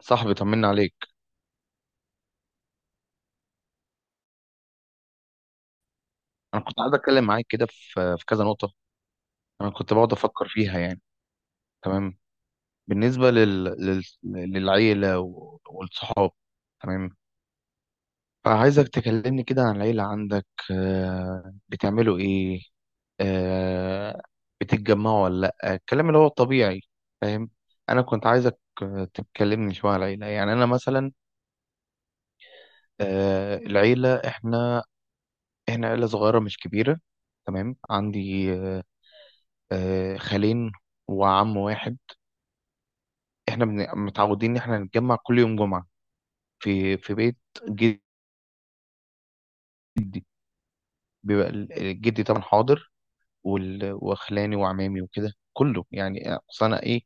صاحبي، طمنا عليك. انا كنت قاعد اتكلم معاك كده في كذا نقطه، انا كنت بقعد افكر فيها يعني. تمام. بالنسبه للعيله والصحاب. تمام. فعايزك تكلمني كده عن العيله عندك، بتعملوا ايه؟ آه، بتتجمعوا ولا لا، الكلام اللي هو الطبيعي. فاهم. انا كنت عايزك تتكلمني شويه عن العيله، يعني انا مثلا العيله، احنا عيله صغيره مش كبيره. تمام، عندي خالين وعم واحد. احنا متعودين ان احنا نتجمع كل يوم جمعة في بيت جدي. بيبقى جدي طبعا حاضر، وخلاني وعمامي وكده كله، يعني اصل انا ايه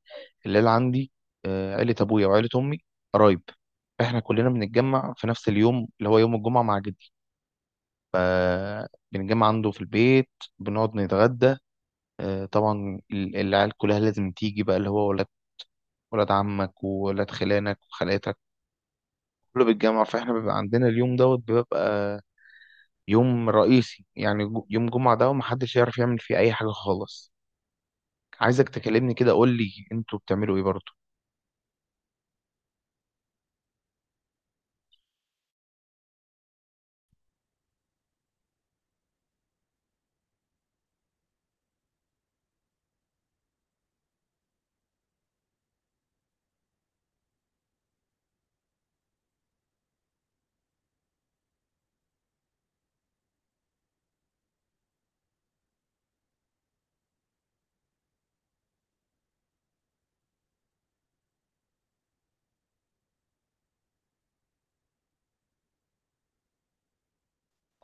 الليل عندي عيلة ابويا وعيلة امي قرايب. احنا كلنا بنتجمع في نفس اليوم اللي هو يوم الجمعة مع جدي، فبنتجمع عنده في البيت، بنقعد نتغدى. طبعا العيال كلها لازم تيجي بقى اللي هو ولاد عمك وولاد خلانك وخالاتك كله بالجامعة. فاحنا بيبقى عندنا اليوم دوت، بيبقى يوم رئيسي، يعني يوم جمعة ده ومحدش يعرف يعمل فيه أي حاجة خالص. عايزك تكلمني كده، قول لي انتوا بتعملوا ايه برضه؟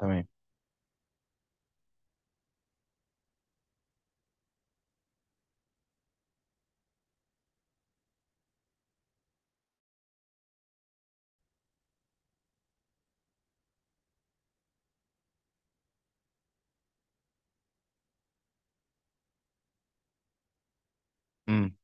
تمام. امم.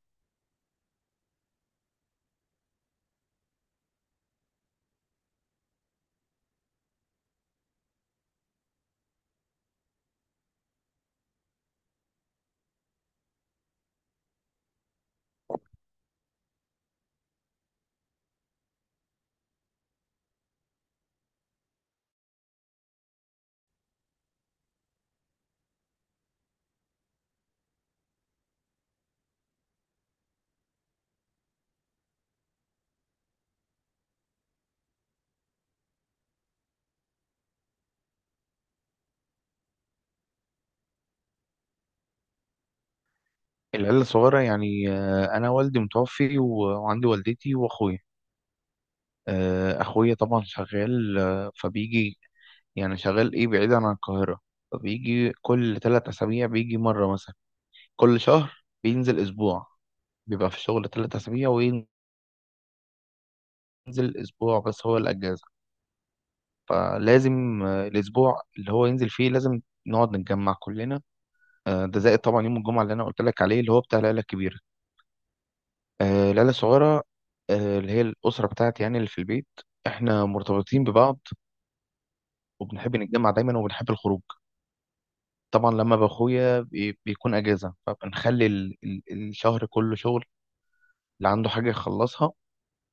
العيلة الصغيرة يعني أنا والدي متوفي وعندي والدتي وأخويا. أخويا طبعا شغال، فبيجي، يعني شغال إيه بعيد عن القاهرة، فبيجي كل 3 أسابيع بيجي مرة مثلا. كل شهر بينزل أسبوع، بيبقى في الشغل 3 أسابيع وينزل أسبوع بس هو الأجازة. فلازم الأسبوع اللي هو ينزل فيه لازم نقعد نتجمع كلنا. ده زائد طبعا يوم الجمعة اللي أنا قلت لك عليه اللي هو بتاع العيلة الكبيرة. العيلة الصغيرة، اللي هي الأسرة بتاعتي يعني اللي في البيت، إحنا مرتبطين ببعض وبنحب نتجمع دايما وبنحب الخروج. طبعا لما بأخويا بيكون أجازة، فبنخلي الشهر كله شغل اللي عنده حاجة يخلصها،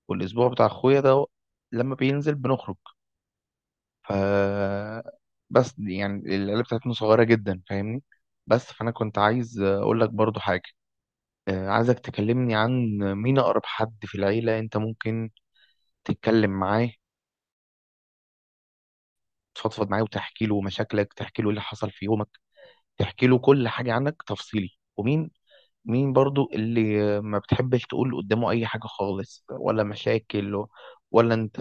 والأسبوع بتاع أخويا ده لما بينزل بنخرج. ف، بس دي يعني العيله بتاعتنا صغيره جدا، فاهمني؟ بس فانا كنت عايز اقول لك برضو حاجه، عايزك تكلمني عن مين اقرب حد في العيله انت ممكن تتكلم معاه، تفضفض معاه وتحكي له مشاكلك، تحكي له إيه اللي حصل في يومك، تحكي له كل حاجه عنك تفصيلي. ومين مين برضو اللي ما بتحبش تقول قدامه اي حاجه خالص ولا مشاكل، ولا انت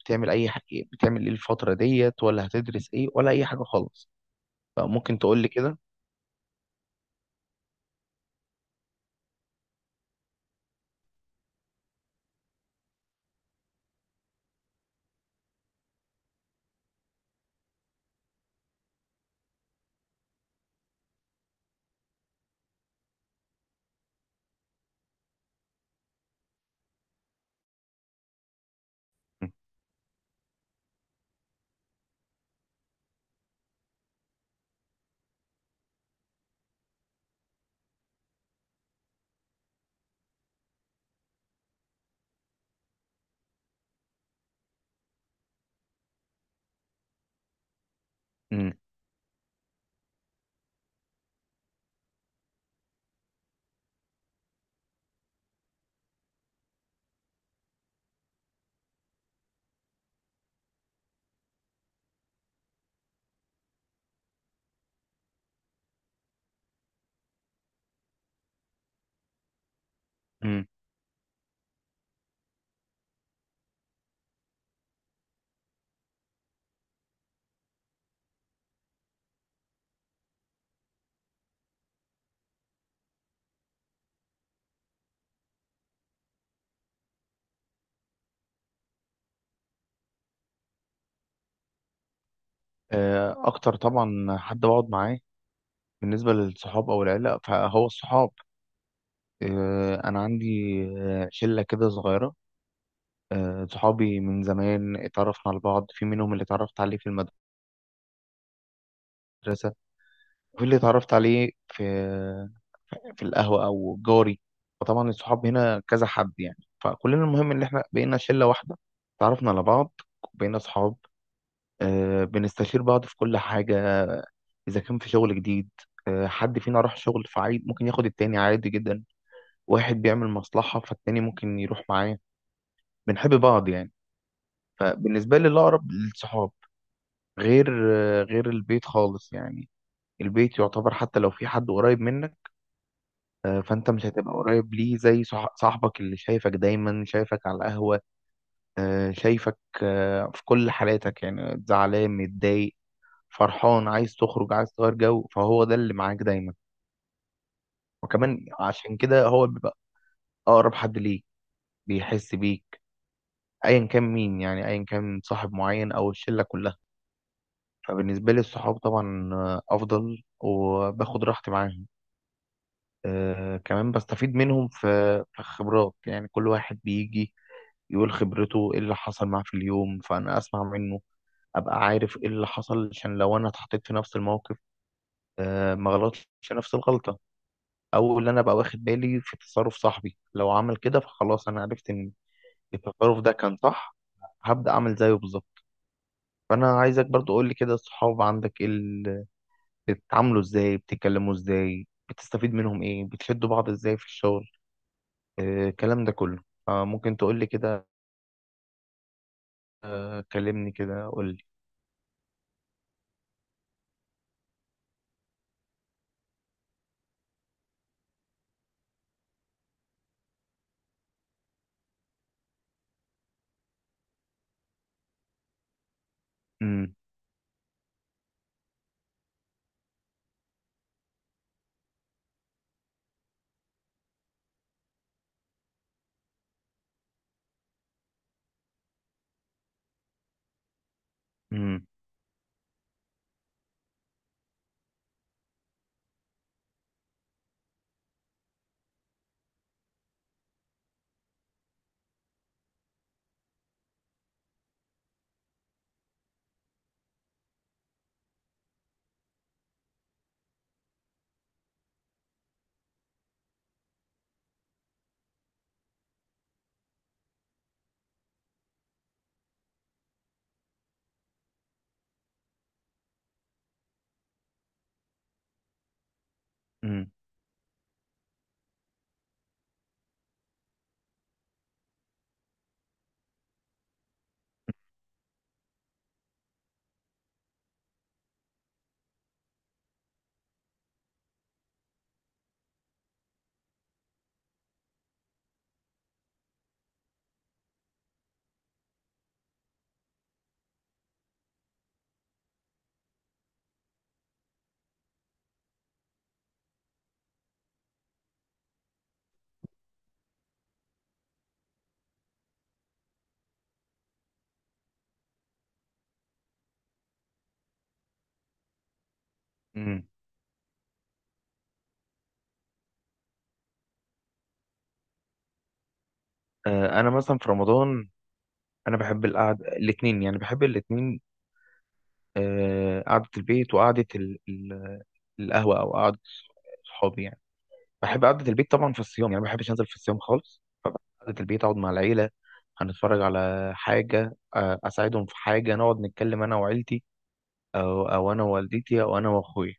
بتعمل اي حاجه، بتعمل ايه الفتره ديت، ولا هتدرس ايه، ولا اي حاجه خالص؟ فممكن تقول لي كده. مم. مم. اكتر طبعا حد بقعد معاه بالنسبه للصحاب او العيله فهو الصحاب. انا عندي شله كده صغيره، صحابي من زمان اتعرفنا على بعض. في منهم اللي اتعرفت عليه في المدرسه، وفي اللي اتعرفت عليه في القهوه او جاري. وطبعا الصحاب هنا كذا حد يعني، فكلنا المهم ان احنا بقينا شله واحده، اتعرفنا على بعض بقينا صحاب. بنستشير بعض في كل حاجة، إذا كان في شغل جديد حد فينا راح شغل فعيد ممكن ياخد التاني عادي جدا، واحد بيعمل مصلحة فالتاني ممكن يروح معاه، بنحب بعض يعني. فبالنسبة لي الأقرب للصحاب، غير غير البيت خالص يعني. البيت يعتبر حتى لو في حد قريب منك، فأنت مش هتبقى قريب ليه زي صاحبك اللي شايفك دايما، شايفك على القهوة، شايفك في كل حالاتك يعني زعلان متضايق فرحان عايز تخرج عايز تغير جو، فهو ده اللي معاك دايما. وكمان عشان كده هو بيبقى اقرب حد ليك، بيحس بيك، ايا كان مين يعني، ايا كان صاحب معين او الشله كلها. فبالنسبه لي الصحاب طبعا افضل وباخد راحتي معاهم. أه، كمان بستفيد منهم في في الخبرات، يعني كل واحد بيجي يقول خبرته ايه اللي حصل معاه في اليوم، فانا اسمع منه ابقى عارف ايه اللي حصل، عشان لو انا اتحطيت في نفس الموقف أه ما غلطش نفس الغلطه. او اللي انا بقى واخد بالي في تصرف صاحبي لو عمل كده فخلاص انا عرفت ان التصرف ده كان صح، هبدأ اعمل زيه بالظبط. فانا عايزك برضو قول لي كده الصحاب عندك ايه بتتعاملوا ازاي، بتتكلموا ازاي، بتستفيد منهم ايه، بتشدوا بعض ازاي في الشغل، الكلام ده كله. فممكن تقول لي كده، كلمني كده قول لي. امم. امم. امم. امم. انا مثلا في رمضان انا بحب القعده الاثنين، يعني بحب الاثنين، قعدة البيت وقعدة القهوة أو قعدة صحابي يعني. بحب قعدة البيت طبعا في الصيام، يعني ما بحبش أنزل في الصيام خالص. قعدة البيت أقعد مع العيلة، هنتفرج على حاجة، أساعدهم في حاجة، نقعد نتكلم أنا وعيلتي، أو أنا ووالدتي أو أنا وأخويا.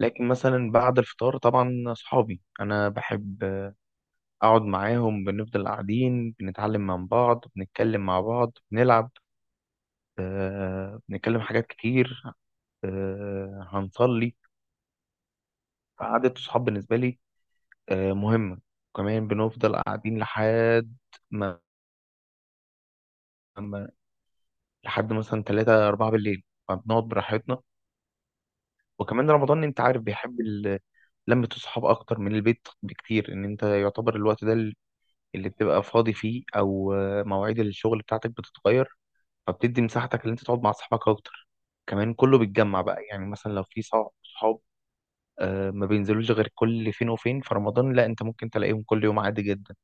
لكن مثلا بعد الفطار طبعا صحابي أنا بحب أقعد معاهم، بنفضل قاعدين بنتعلم من بعض بنتكلم مع بعض بنلعب، بنتكلم حاجات كتير، هنصلي. فقعدة الصحاب بالنسبة لي مهمة، وكمان بنفضل قاعدين لحد ما ما- لحد مثلا 3 4 بالليل فبنقعد براحتنا. وكمان رمضان أنت عارف بيحب لمة الصحاب أكتر من البيت بكتير، إن أنت يعتبر الوقت ده اللي بتبقى فاضي فيه، أو مواعيد الشغل بتاعتك بتتغير، فبتدي مساحتك اللي أنت تقعد مع أصحابك أكتر. كمان كله بيتجمع بقى، يعني مثلا لو في صحاب ما بينزلوش غير كل فين وفين، في رمضان لا أنت ممكن تلاقيهم كل يوم عادي جدا.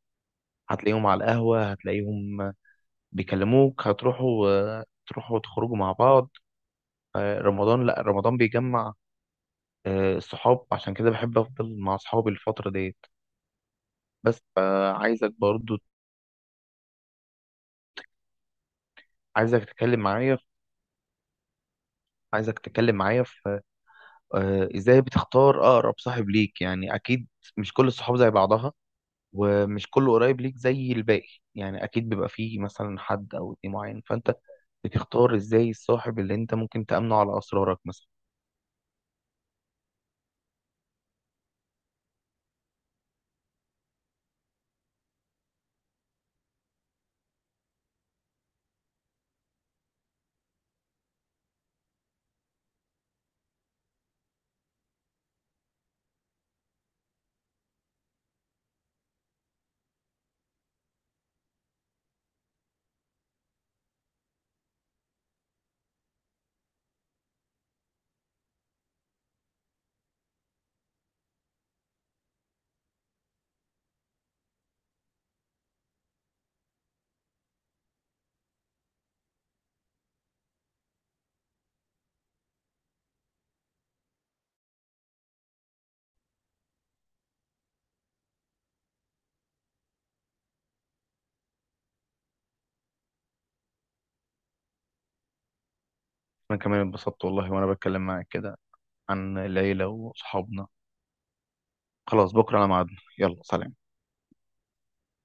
هتلاقيهم على القهوة، هتلاقيهم بيكلموك، هتروحوا تروحوا تخرجوا مع بعض. رمضان، لا رمضان بيجمع الصحاب، عشان كده بحب أفضل مع صحابي الفترة ديت. بس فعايزك برضو، عايزك تتكلم معايا، عايزك تتكلم معايا في ازاي بتختار أقرب صاحب ليك، يعني أكيد مش كل الصحاب زي بعضها ومش كله قريب ليك زي الباقي، يعني أكيد بيبقى فيه مثلا حد أو اتنين معين، فأنت بتختار ازاي الصاحب اللي انت ممكن تأمنه على أسرارك مثلا؟ انا كمان اتبسطت والله وانا بتكلم معاك كده عن العيلة واصحابنا. خلاص، بكرة على ميعادنا، يلا سلام.